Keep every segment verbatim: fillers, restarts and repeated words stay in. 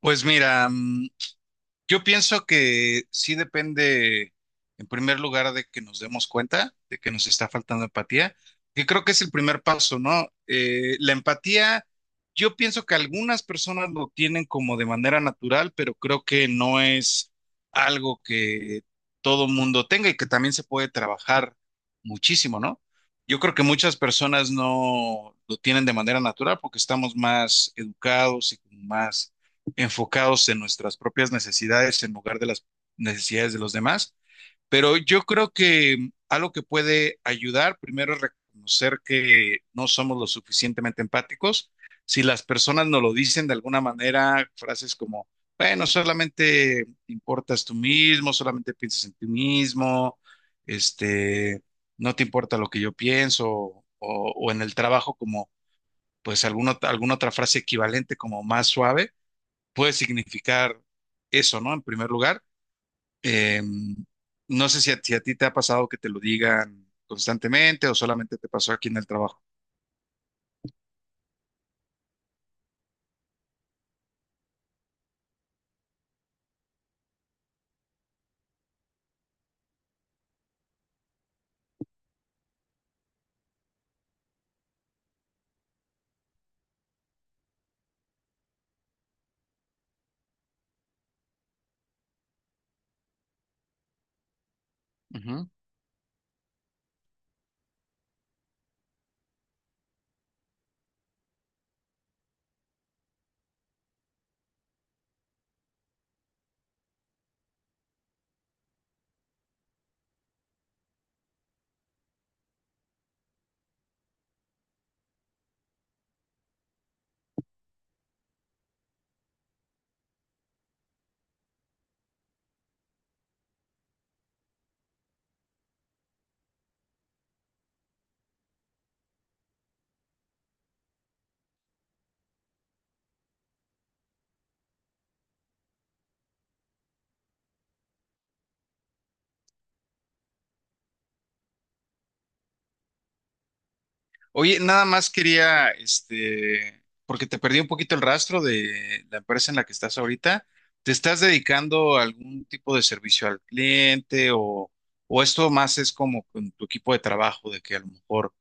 Pues mira, mm, yo pienso que sí depende, en primer lugar, de que nos demos cuenta de que nos está faltando empatía, que creo que es el primer paso, ¿no? Eh, la empatía, yo pienso que algunas personas lo tienen como de manera natural, pero creo que no es algo que todo mundo tenga y que también se puede trabajar muchísimo, ¿no? Yo creo que muchas personas no lo tienen de manera natural porque estamos más educados y como más enfocados en nuestras propias necesidades en lugar de las necesidades de los demás. Pero yo creo que algo que puede ayudar primero es reconocer que no somos lo suficientemente empáticos. Si las personas nos lo dicen de alguna manera, frases como, bueno, solamente importas tú mismo, solamente piensas en ti mismo, este, no te importa lo que yo pienso, o, o en el trabajo como, pues, alguna, alguna otra frase equivalente como más suave puede significar eso, ¿no? En primer lugar, eh, no sé si a, si a ti te ha pasado que te lo digan constantemente o solamente te pasó aquí en el trabajo. Ujú. Oye, nada más quería, este, porque te perdí un poquito el rastro de la empresa en la que estás ahorita. ¿Te estás dedicando a algún tipo de servicio al cliente o, o esto más es como con tu equipo de trabajo, de que a lo mejor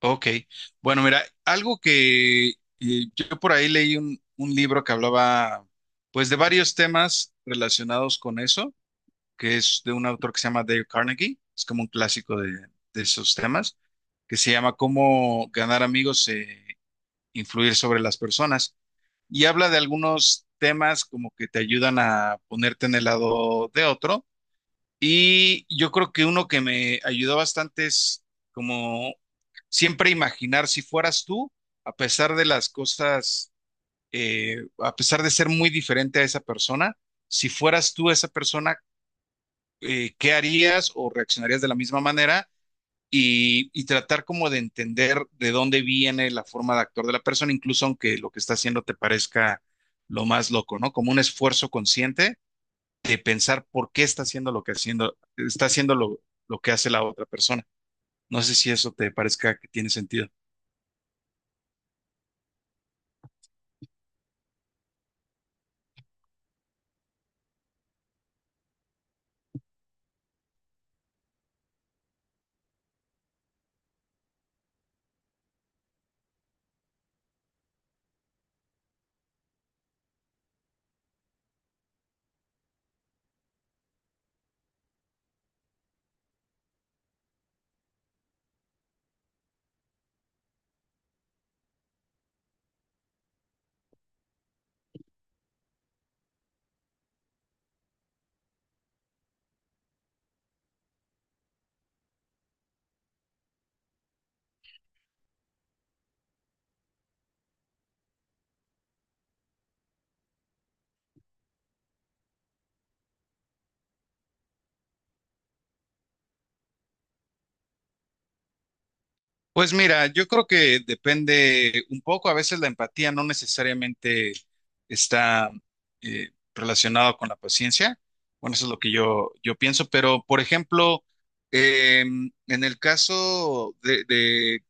Ok, bueno, mira, algo que eh, yo por ahí leí un, un libro que hablaba pues de varios temas relacionados con eso, que es de un autor que se llama Dale Carnegie, es como un clásico de, de esos temas, que se llama Cómo ganar amigos e influir sobre las personas. Y habla de algunos temas como que te ayudan a ponerte en el lado de otro y yo creo que uno que me ayudó bastante es como siempre imaginar si fueras tú, a pesar de las cosas, eh, a pesar de ser muy diferente a esa persona, si fueras tú esa persona, eh, ¿qué harías o reaccionarías de la misma manera? Y, y tratar como de entender de dónde viene la forma de actuar de la persona, incluso aunque lo que está haciendo te parezca lo más loco, ¿no? Como un esfuerzo consciente de pensar por qué está haciendo lo que haciendo, está haciendo lo, lo que hace la otra persona. No sé si eso te parezca que tiene sentido. Pues mira, yo creo que depende un poco, a veces la empatía no necesariamente está eh, relacionada con la paciencia. Bueno, eso es lo que yo, yo pienso, pero por ejemplo, eh, en el caso de, de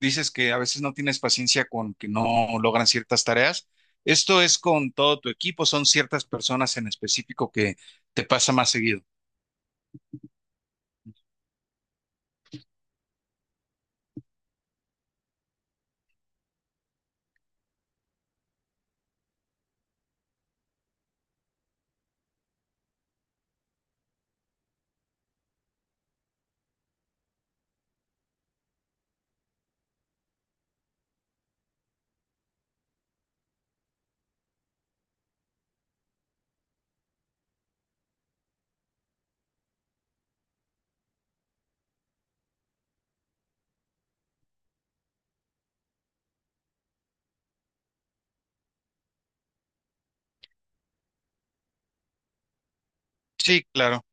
dices que a veces no tienes paciencia con que no logran ciertas tareas. Esto es con todo tu equipo, son ciertas personas en específico que te pasa más seguido. Sí, claro.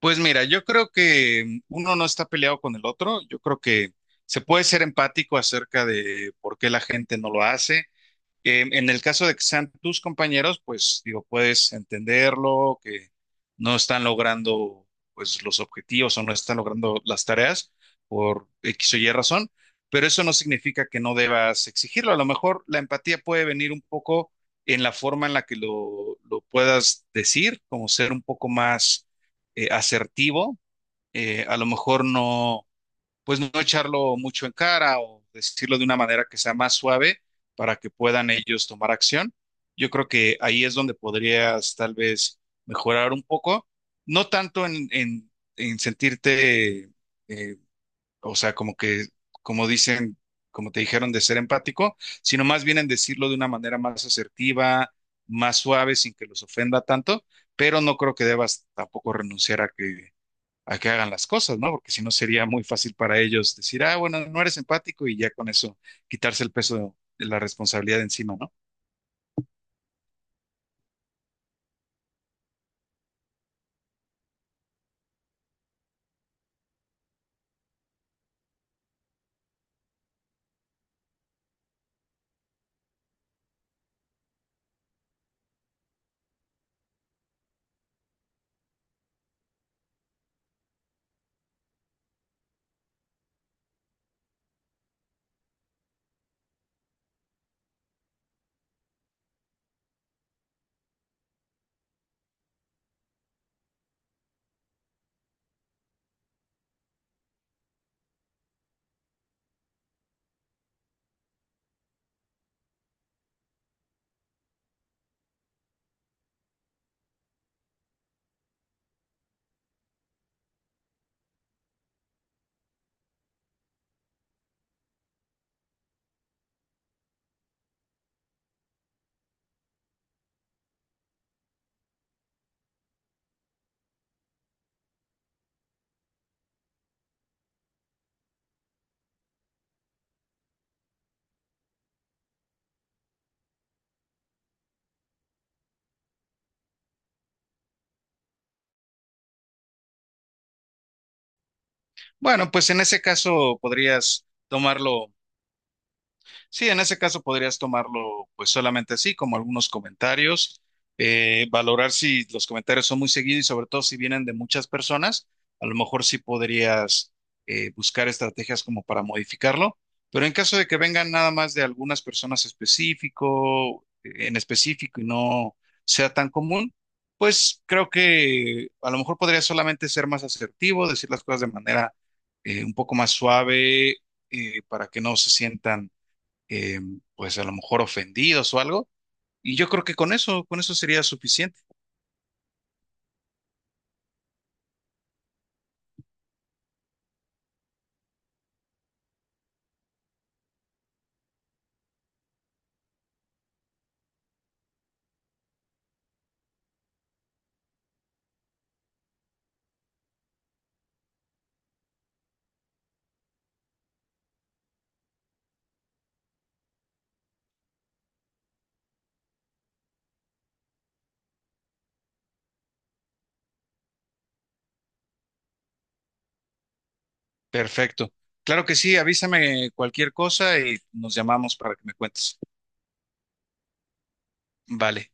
Pues mira, yo creo que mm, uno no está peleado con el otro. Yo creo que se puede ser empático acerca de por qué la gente no lo hace. Eh, en el caso de que sean tus compañeros, pues digo, puedes entenderlo, que no están logrando pues los objetivos o no están logrando las tareas por X o Y razón, pero eso no significa que no debas exigirlo. A lo mejor la empatía puede venir un poco en la forma en la que lo, lo puedas decir, como ser un poco más eh, asertivo. Eh, a lo mejor no pues no echarlo mucho en cara o decirlo de una manera que sea más suave para que puedan ellos tomar acción. Yo creo que ahí es donde podrías tal vez mejorar un poco, no tanto en, en, en sentirte, eh, o sea, como que, como dicen, como te dijeron, de ser empático, sino más bien en decirlo de una manera más asertiva, más suave, sin que los ofenda tanto, pero no creo que debas tampoco renunciar a que a que hagan las cosas, ¿no? Porque si no sería muy fácil para ellos decir, ah, bueno, no eres empático y ya con eso quitarse el peso de la responsabilidad de encima, ¿no? Bueno, pues en ese caso podrías tomarlo Sí, en ese caso podrías tomarlo pues solamente así, como algunos comentarios, eh, valorar si los comentarios son muy seguidos y sobre todo si vienen de muchas personas, a lo mejor sí podrías eh, buscar estrategias como para modificarlo, pero en caso de que vengan nada más de algunas personas específico, eh, en específico y no sea tan común, pues creo que a lo mejor podría solamente ser más asertivo, decir las cosas de manera eh, un poco más suave, eh, para que no se sientan eh, pues a lo mejor ofendidos o algo. Y yo creo que con eso, con eso sería suficiente. Perfecto. Claro que sí, avísame cualquier cosa y nos llamamos para que me cuentes. Vale.